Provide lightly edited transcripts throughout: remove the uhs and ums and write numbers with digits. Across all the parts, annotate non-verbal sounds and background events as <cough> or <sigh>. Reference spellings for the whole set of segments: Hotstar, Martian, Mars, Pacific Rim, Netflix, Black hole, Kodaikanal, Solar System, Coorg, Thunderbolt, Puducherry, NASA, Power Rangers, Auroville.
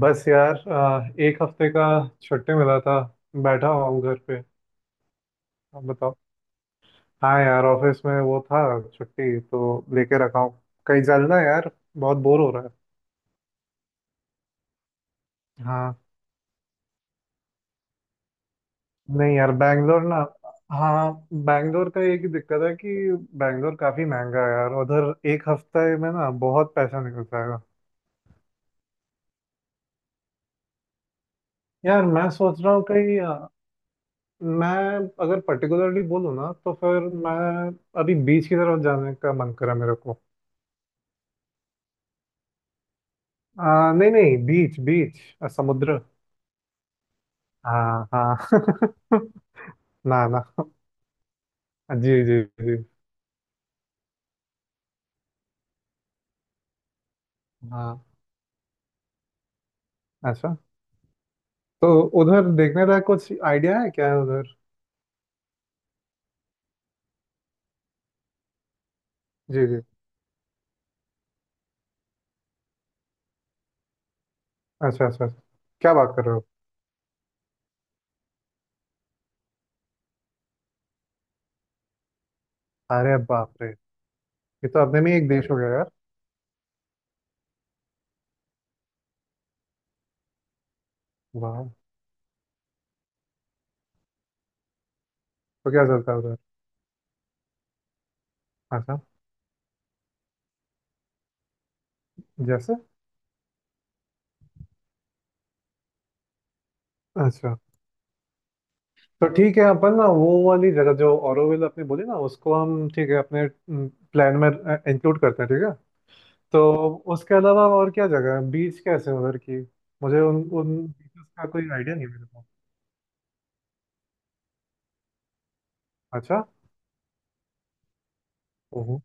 बस यार, एक हफ्ते का छुट्टी मिला था। बैठा हुआ हूँ घर पे। आप बताओ। हाँ यार, ऑफिस में वो था। छुट्टी तो लेके रखा हूँ। कहीं चलना है यार, बहुत बोर हो रहा है। हाँ, नहीं यार, बैंगलोर ना। हाँ, बैंगलोर का एक ही दिक्कत है कि बैंगलोर काफी महंगा है यार, उधर एक हफ्ते में ना बहुत पैसा निकल जाएगा। यार मैं सोच रहा हूँ कहीं मैं अगर पर्टिकुलरली बोलूँ ना तो फिर मैं अभी बीच की तरफ जाने का मन करा मेरे को। नहीं नहीं, बीच बीच, समुद्र। हाँ हाँ <laughs> ना ना। जी जी जी। हाँ। अच्छा, तो उधर देखने का कुछ आइडिया है क्या उधर? जी जी। अच्छा अच्छा अच्छा। क्या बात कर रहे हो! अरे बाप रे! ये तो अपने में ही एक देश हो गया यार। वाह। तो क्या चलता है उधर? अच्छा। जैसे। अच्छा, तो ठीक है, अपन ना वो वाली जगह जो ऑरोविल अपने बोली ना, उसको हम, ठीक है, अपने प्लान में इंक्लूड करते हैं, ठीक है। तो उसके अलावा और क्या जगह है? बीच कैसे हैं उधर की? मुझे उन उन बीचेस का कोई आइडिया नहीं है मेरे को। अच्छा। ओहो।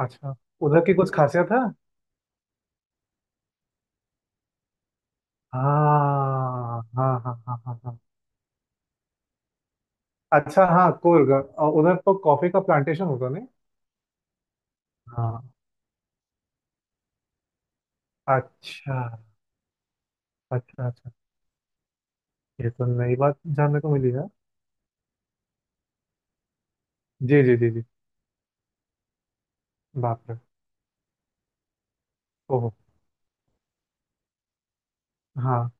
अच्छा, उधर की कुछ खासियत है? हाँ हाँ हाँ हाँ हाँ हाँ। अच्छा, हाँ कोलगा। और उधर तो कॉफी का प्लांटेशन होता नहीं? हाँ। अच्छा अच्छा अच्छा, ये तो नई बात जानने को मिली है। जी जी जी जी। बाप रे, ओहो। हाँ,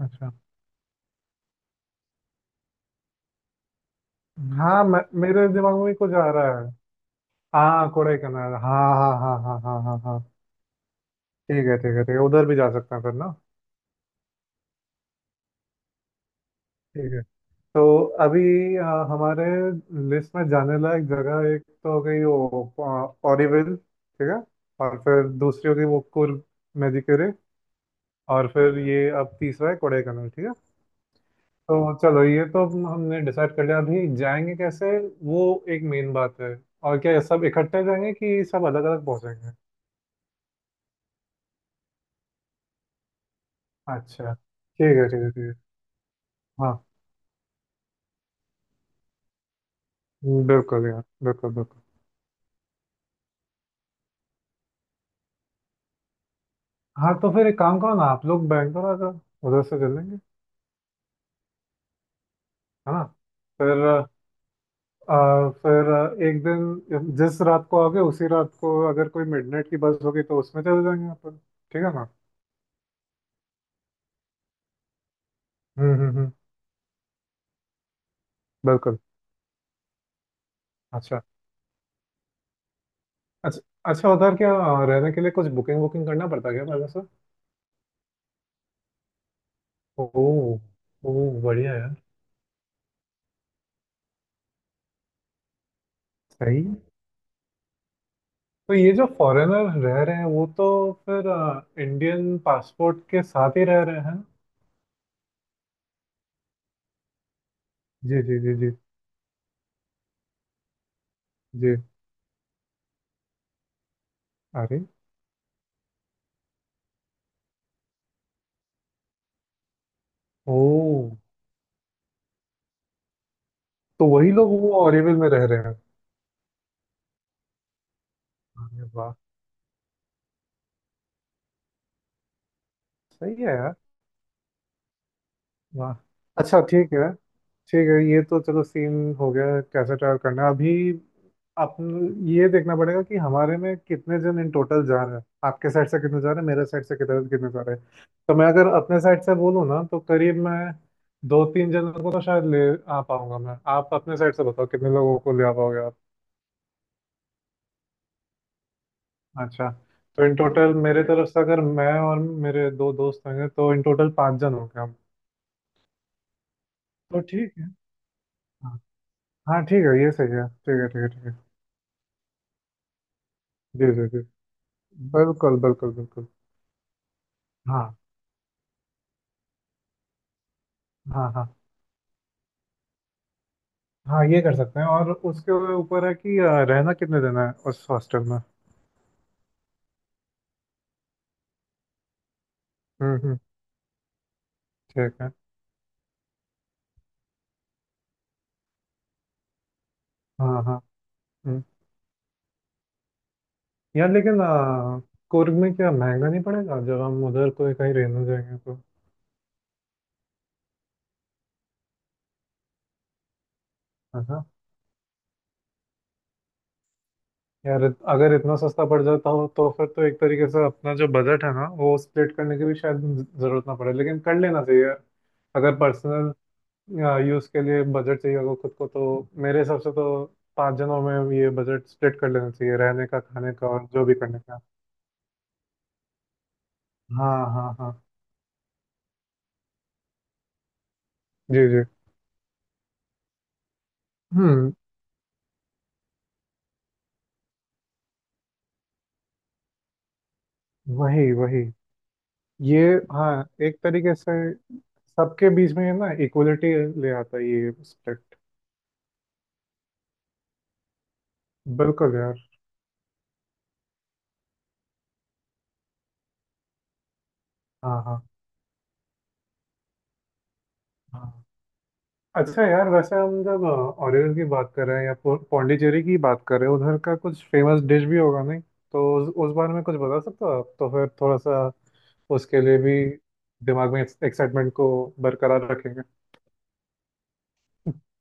अच्छा। हाँ, मेरे दिमाग में भी कुछ आ रहा है। हाँ कोडाईकनाल, हाँ हाँ हाँ हाँ हाँ हाँ हाँ। ठीक है ठीक है ठीक है, उधर भी जा सकते हैं फिर ना। ठीक है, तो अभी अ, हमारे लिस्ट में जाने लायक जगह एक तो हो गई वो ऑरीविल, ठीक है। और फिर दूसरी हो गई वो कुर्ग मेडिकेरे। और फिर ये अब तीसरा है कोडाइकनाल, ठीक है। तो चलो, ये तो हमने डिसाइड कर लिया। अभी जाएंगे कैसे, वो एक मेन बात है। और क्या ये सब इकट्ठे जाएंगे कि सब अलग अलग पहुंचेंगे? अच्छा ठीक है ठीक है ठीक है। हाँ, बिल्कुल यार, बिल्कुल बिल्कुल। हाँ, तो फिर एक काम करो ना, आप लोग बैंगलोर आ जाओ, उधर से चलेंगे, है ना? फिर फिर एक दिन जिस रात को आओगे उसी रात को अगर कोई मिडनाइट की बस होगी तो उसमें चले जाएंगे अपन, ठीक है ना? हम्म, बिल्कुल। अच्छा अच्छा अच्छा, उधर क्या रहने के लिए कुछ बुकिंग वुकिंग करना पड़ता है क्या पहले से? ओह। ओह बढ़िया यार। सही है। तो ये जो फॉरेनर रह रहे हैं वो तो फिर इंडियन पासपोर्ट के साथ ही रह रहे हैं? जी जी जी जी जी। अरे। ओ, तो वही लोग वो ऑरेविल में रह रहे हैं? अरे वाह। सही है यार। वाह। अच्छा ठीक है ठीक है, ये तो चलो सीन हो गया कैसे ट्रैवल करना है। अभी अपन ये देखना पड़ेगा कि हमारे में कितने जन इन टोटल जा रहे हैं, आपके साइड से कितने जा रहे हैं, मेरे साइड से कितने कितने जा रहे हैं। तो मैं अगर अपने साइड से बोलूँ ना तो करीब मैं दो तीन जनों को तो शायद ले आ पाऊंगा मैं। आप अपने साइड से बताओ कितने लोगों को ले आ पाओगे आप। अच्छा, तो इन टोटल मेरे तरफ से अगर मैं और मेरे दो दोस्त होंगे तो इन टोटल पाँच जन होंगे हम, तो ठीक है। हाँ हाँ, ठीक है, ये सही है, ठीक है ठीक है ठीक है। जी जी जी, बिल्कुल बिल्कुल बिल्कुल। हाँ हाँ हाँ हाँ, ये कर सकते हैं। और उसके ऊपर है कि रहना कितने दिन है उस हॉस्टल में? हम्म। ठीक है, हाँ हाँ। हम्म। यार लेकिन कुर्ग में क्या महंगा नहीं पड़ेगा जब हम उधर कोई कहीं रहने जाएंगे तो? अच्छा। यार अगर इतना सस्ता पड़ जाता हो तो फिर तो एक तरीके से अपना जो बजट है ना वो स्प्लिट करने की भी शायद जरूरत ना पड़े, लेकिन कर लेना चाहिए यार। अगर पर्सनल यूज के लिए बजट चाहिए होगा खुद को तो मेरे हिसाब से तो पांच जनों में ये बजट स्प्लिट कर लेना चाहिए, रहने का, खाने का और जो भी करने का। हाँ हाँ हाँ। जी जी। हम्म। वही वही। ये, हाँ, एक तरीके से सबके बीच में ये ना इक्वलिटी ले आता है ये स्प्लिट। बिल्कुल यार। हाँ हाँ हाँ। अच्छा यार, वैसे हम जब ओरिजिन की बात कर रहे हैं या पौंडीचेरी की बात कर रहे हैं, उधर का कुछ फेमस डिश भी होगा नहीं? तो उस बारे में कुछ बता सकते हो आप तो फिर थोड़ा सा उसके लिए भी दिमाग में एक्साइटमेंट को बरकरार रखेंगे। <laughs>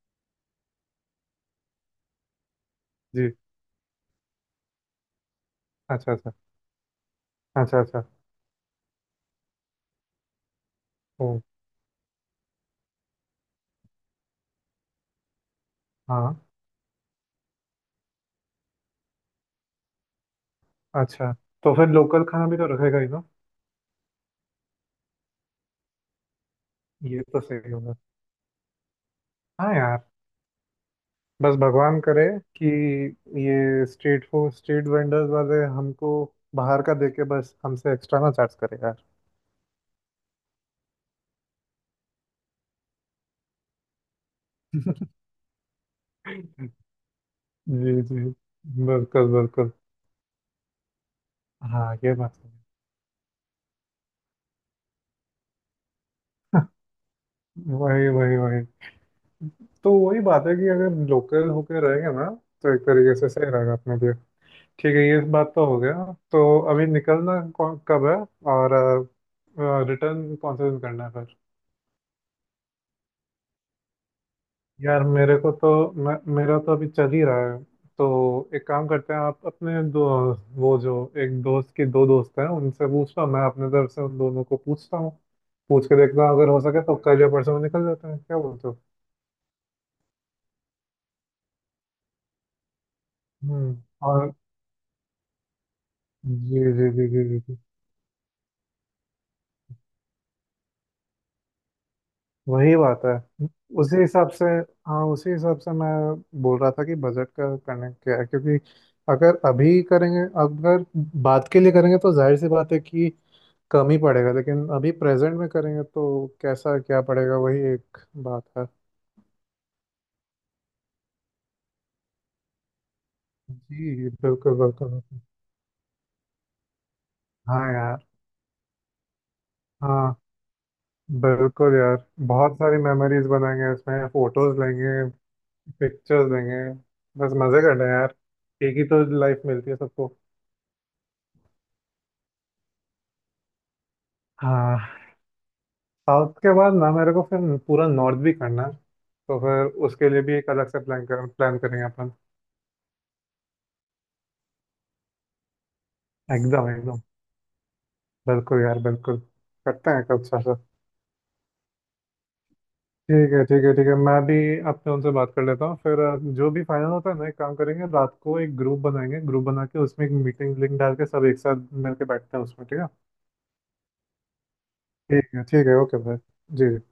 जी। अच्छा अच्छा अच्छा। अच्छा। ओ। हाँ, अच्छा, तो फिर लोकल खाना भी तो रखेगा ही ना? ये तो सही होगा। हाँ यार, बस भगवान करे कि ये स्ट्रीट फूड स्ट्रीट वेंडर्स वाले हमको बाहर का देके बस हमसे एक्स्ट्रा ना चार्ज करे यार। <laughs> जी जी, बिल्कुल बिल्कुल। हाँ, ये बात तो है। <laughs> वही वही वही, तो वही बात है कि अगर लोकल होके रहेंगे ना तो एक तरीके से सही रहेगा अपने लिए। ठीक है, ये बात तो हो गया। तो अभी निकलना कब है और रिटर्न कौन से दिन करना है फिर? यार मेरे को तो मेरा तो अभी चल ही रहा है। तो एक काम करते हैं, आप अपने दो, वो जो एक दोस्त की दो दोस्त हैं उनसे पूछता हूँ, मैं अपने तरफ से उन दोनों को पूछता हूँ, पूछ के देखता हूँ, अगर हो सके तो कल या परसों में निकल जाते हैं, क्या बोलते हो? हम्म, और जी जी जी जी जी जी। वही बात है, उसी हिसाब से। हाँ, उसी हिसाब से मैं बोल रहा था कि बजट का करने क्या है, क्योंकि अगर अभी करेंगे, अगर बात के लिए करेंगे तो जाहिर सी बात है कि कम ही पड़ेगा, लेकिन अभी प्रेजेंट में करेंगे तो कैसा क्या पड़ेगा, वही एक बात है। जी बिल्कुल बिल्कुल बिल्कुल। हाँ यार। हाँ, बिल्कुल यार, बहुत सारी मेमोरीज बनाएंगे, इसमें फोटोज लेंगे, पिक्चर्स लेंगे। बस मजे करना है यार, एक ही तो लाइफ मिलती है सबको। हाँ, साउथ के बाद ना मेरे को फिर पूरा नॉर्थ भी करना है, तो फिर उसके लिए भी एक अलग से प्लान करेंगे अपन। एकदम एकदम, बिल्कुल यार बिल्कुल। करते हैं, कब सा सा ठीक है ठीक है ठीक है, मैं भी अपने उनसे बात कर लेता हूँ फिर जो भी फाइनल होता है ना, एक काम करेंगे, रात को एक ग्रुप बनाएंगे, ग्रुप बना के उसमें एक मीटिंग लिंक डाल के सब एक साथ मिलके बैठते हैं उसमें, ठीक है। ठीक है ठीक है, ओके भाई, जी जी।